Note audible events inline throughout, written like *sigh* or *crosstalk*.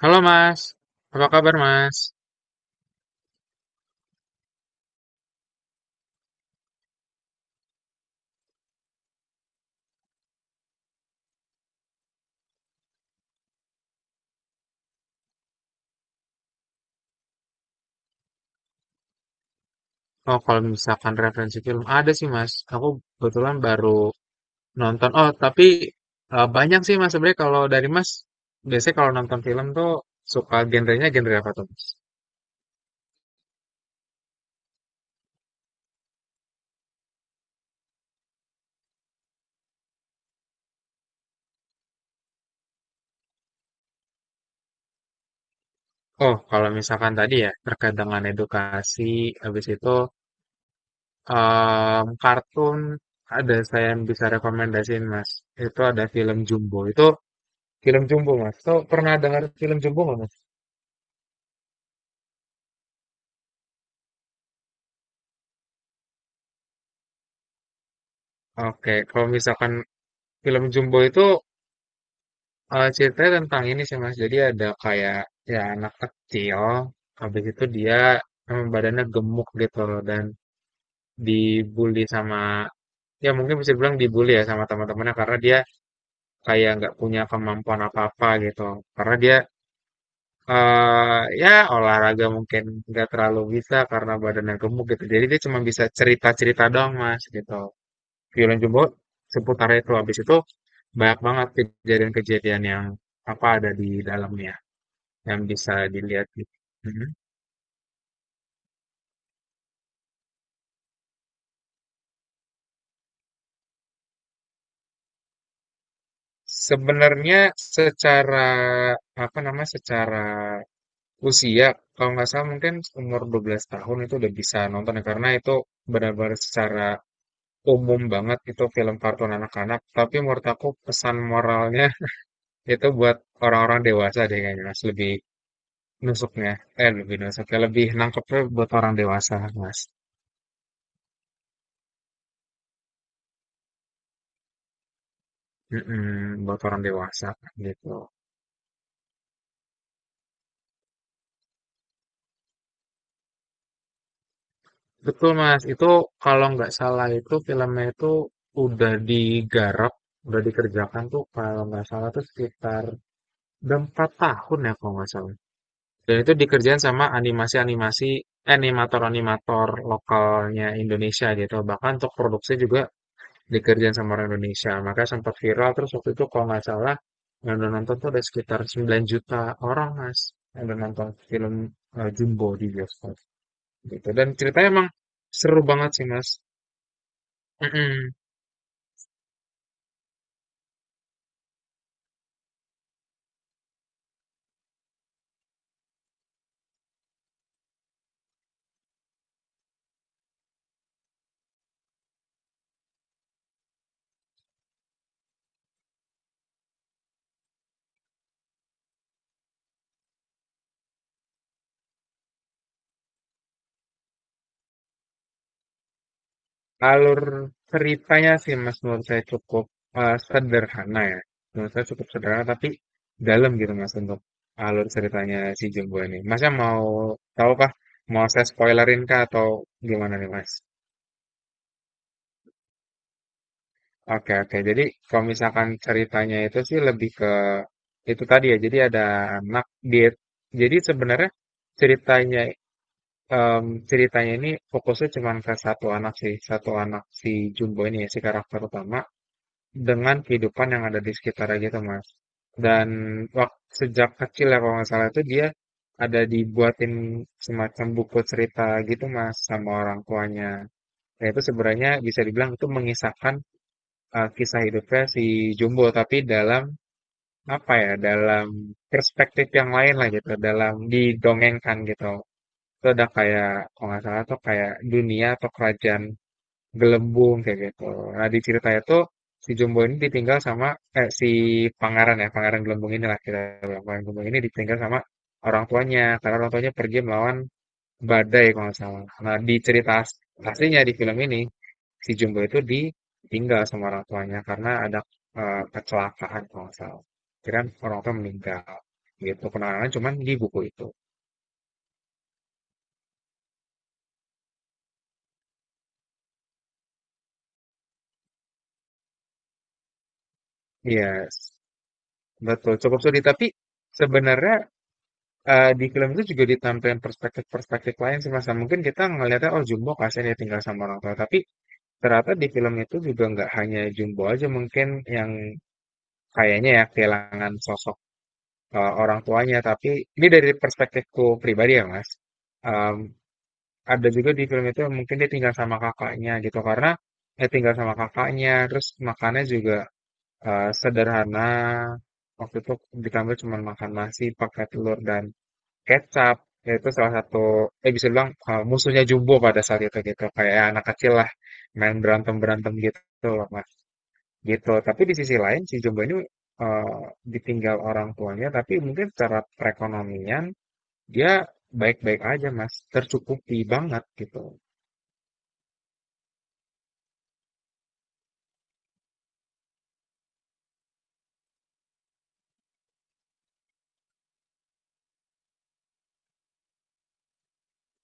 Halo Mas, apa kabar Mas? Oh kalau misalkan referensi film ada sih Mas, aku kebetulan baru nonton. Oh tapi banyak sih Mas sebenarnya kalau dari Mas biasanya kalau nonton film tuh suka genrenya genre apa tuh Mas? Oh kalau misalkan tadi ya terkait dengan edukasi, habis itu kartun ada saya yang bisa rekomendasiin Mas. Itu ada film Jumbo. Itu film Jumbo Mas. Tuh pernah dengar film Jumbo nggak Mas? Oke, kalau misalkan film Jumbo itu ceritanya tentang ini sih Mas. Jadi ada kayak ya anak kecil, habis itu dia badannya gemuk gitu loh dan dibully sama ya mungkin bisa bilang dibully ya sama teman-temannya karena dia kayak nggak punya kemampuan apa-apa gitu. Karena dia ya olahraga mungkin nggak terlalu bisa karena badannya gemuk gitu. Jadi dia cuma bisa cerita-cerita doang Mas gitu. Violen Jumbo seputar itu habis itu banyak banget kejadian-kejadian yang apa ada di dalamnya yang bisa dilihat gitu. Mhm. Sebenarnya secara apa namanya secara usia kalau nggak salah mungkin umur 12 tahun itu udah bisa nonton ya, karena itu benar-benar secara umum banget itu film kartun anak-anak tapi menurut aku pesan moralnya *laughs* itu buat orang-orang dewasa deh kayaknya Mas lebih nusuknya nusuknya lebih nangkepnya buat orang dewasa Mas buat orang dewasa gitu. Betul Mas, itu kalau nggak salah itu filmnya itu udah digarap, udah dikerjakan tuh kalau nggak salah tuh sekitar udah 4 tahun ya kalau nggak salah. Dan itu dikerjain sama animasi-animasi animator-animator lokalnya Indonesia gitu. Bahkan untuk produksi juga dikerjain sama orang Indonesia. Maka sempat viral terus waktu itu kalau nggak salah yang udah nonton tuh ada sekitar 9 juta orang Mas yang udah nonton film Jumbo di bioskop gitu. Dan ceritanya emang seru banget sih Mas. Mhm. Alur ceritanya sih Mas menurut saya cukup, sederhana ya. Menurut saya cukup sederhana tapi dalam gitu Mas untuk alur ceritanya si jumbo ini. Masnya mau tahu kah? Mau saya spoilerin kah atau gimana nih Mas? Oke oke. Jadi kalau misalkan ceritanya itu sih lebih ke itu tadi ya, jadi ada anak dia jadi sebenarnya ceritanya, mmm, ceritanya ini fokusnya cuma ke satu anak sih, satu anak si jumbo ini ya, si karakter utama. Dengan kehidupan yang ada di sekitarnya gitu, Mas. Dan waktu sejak kecil ya kalau nggak salah itu dia ada dibuatin semacam buku cerita gitu, Mas, sama orang tuanya. Nah, itu sebenarnya bisa dibilang itu mengisahkan, kisah hidupnya si Jumbo, tapi dalam apa ya, dalam perspektif yang lain lah gitu, dalam didongengkan gitu. Itu ada kayak kalau nggak salah tuh kayak dunia atau kerajaan gelembung kayak gitu. Nah di cerita itu si Jumbo ini ditinggal sama si pangeran ya pangeran Gelembung inilah kita bilang pangeran Gelembung ini ditinggal sama orang tuanya karena orang tuanya pergi melawan badai kalau nggak salah. Nah di cerita aslinya di film ini si Jumbo itu ditinggal sama orang tuanya karena ada kecelakaan kalau nggak salah. Jadi kan orang tua meninggal gitu kenangan cuman di buku itu. Iya betul cukup sulit tapi sebenarnya di film itu juga ditampilkan perspektif-perspektif lain sih, Mas, ya mungkin kita ngelihatnya, "Oh, Jumbo kasihan ya tinggal sama orang tua," tapi ternyata di film itu juga nggak hanya Jumbo aja mungkin yang kayaknya ya kehilangan sosok, orang tuanya, tapi ini dari perspektifku pribadi ya, Mas, mmm, ada juga di film itu yang mungkin dia tinggal sama kakaknya gitu karena ya tinggal sama kakaknya, terus makannya juga, sederhana, waktu itu ditambah cuma makan nasi pakai telur dan kecap. Ya, itu salah satu, bisa bilang musuhnya Jumbo pada saat itu gitu. Kayak ya, anak kecil lah, main berantem-berantem gitu loh mas. Gitu. Tapi di sisi lain si Jumbo ini uh, ditinggal orang tuanya, tapi mungkin secara perekonomian dia baik-baik aja mas, tercukupi banget gitu.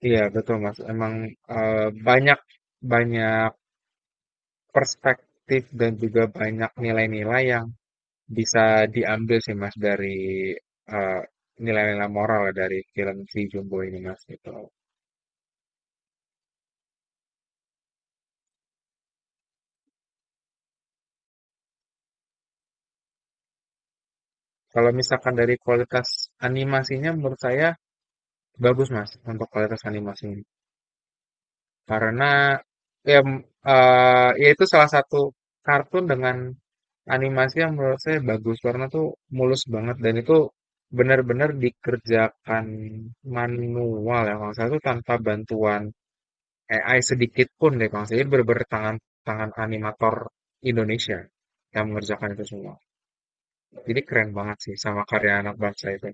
Iya betul mas, emang banyak banyak perspektif dan juga banyak nilai-nilai yang bisa diambil sih Mas dari eh, nilai-nilai moral ya dari film si Jumbo ini Mas gitu. Kalau misalkan dari kualitas animasinya menurut saya bagus Mas untuk kualitas animasinya. Karena ya, ya itu salah satu kartun dengan animasi yang menurut saya bagus karena tuh mulus banget dan itu benar-benar dikerjakan manual ya kalau saya tuh tanpa bantuan AI sedikit pun deh Kang. Jadi bener tangan tangan animator Indonesia yang mengerjakan itu semua. Jadi keren banget sih sama karya anak bangsa itu.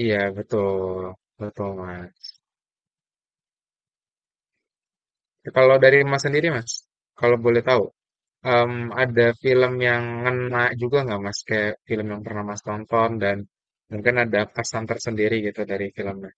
Iya betul, betul Mas. Kalau dari Mas sendiri Mas, kalau boleh tahu, em, ada film yang ngena juga nggak Mas? Kayak film yang pernah Mas tonton dan mungkin ada kesan tersendiri gitu dari filmnya.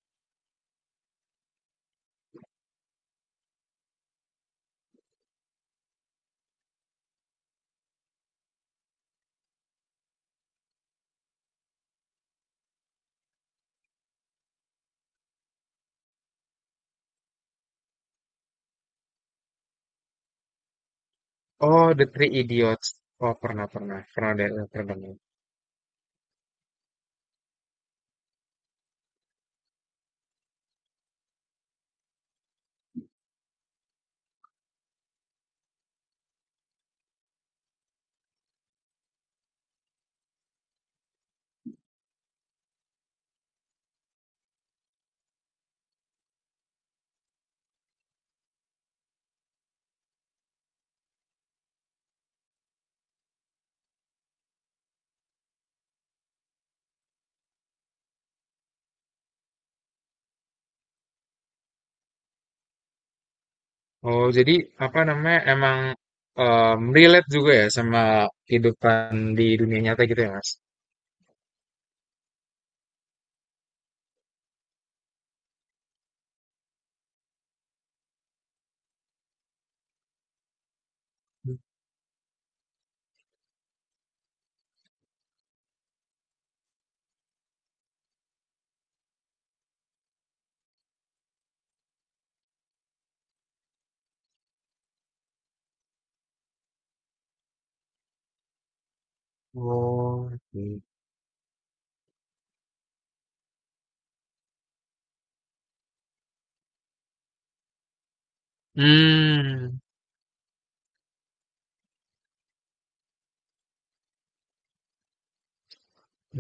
Oh, The Three Idiots. Oh pernah pernah pernah ada pernah dengar. Oh, jadi apa namanya emang relate juga ya sama kehidupan di dunia nyata gitu ya, Mas? Oh, oke. Hmm,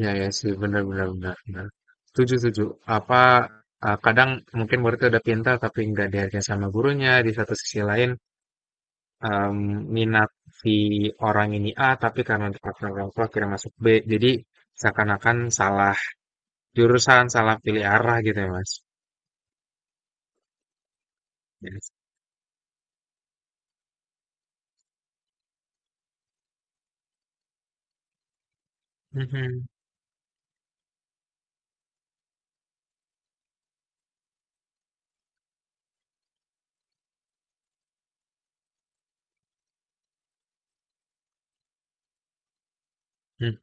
ya ya sih benar benar benar. Benar. Setuju setuju. Apa kadang mungkin murid udah pintar tapi nggak dihargai sama gurunya. Di satu sisi lain em, minat si orang ini A tapi karena dipaksa orang tua akhirnya masuk B. Jadi seakan-akan salah jurusan, salah pilih arah gitu ya Mas. Yes. Mhm.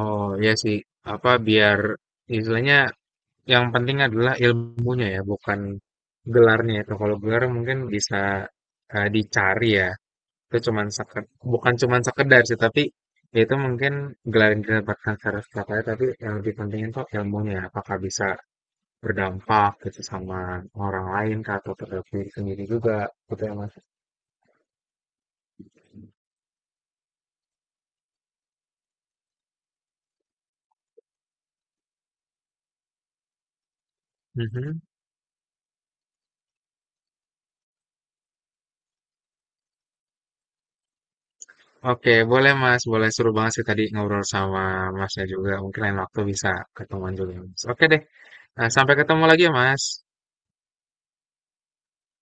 Oh iya sih, apa biar istilahnya yang penting adalah ilmunya ya, bukan gelarnya itu. Kalau gelar mungkin bisa dicari ya. Itu bukan cuman sekedar sih, tapi itu mungkin gelar yang didapatkan secara setelahnya, tapi yang lebih penting itu ilmunya. Apakah bisa berdampak gitu sama orang lain kah, atau terhadap diri sendiri juga gitu ya Mas. Mhm. Oke, boleh Mas. Boleh seru banget sih tadi ngobrol sama Masnya juga. Mungkin lain waktu bisa ketemuan juga, Mas. Oke deh. Nah, sampai ketemu lagi ya, Mas.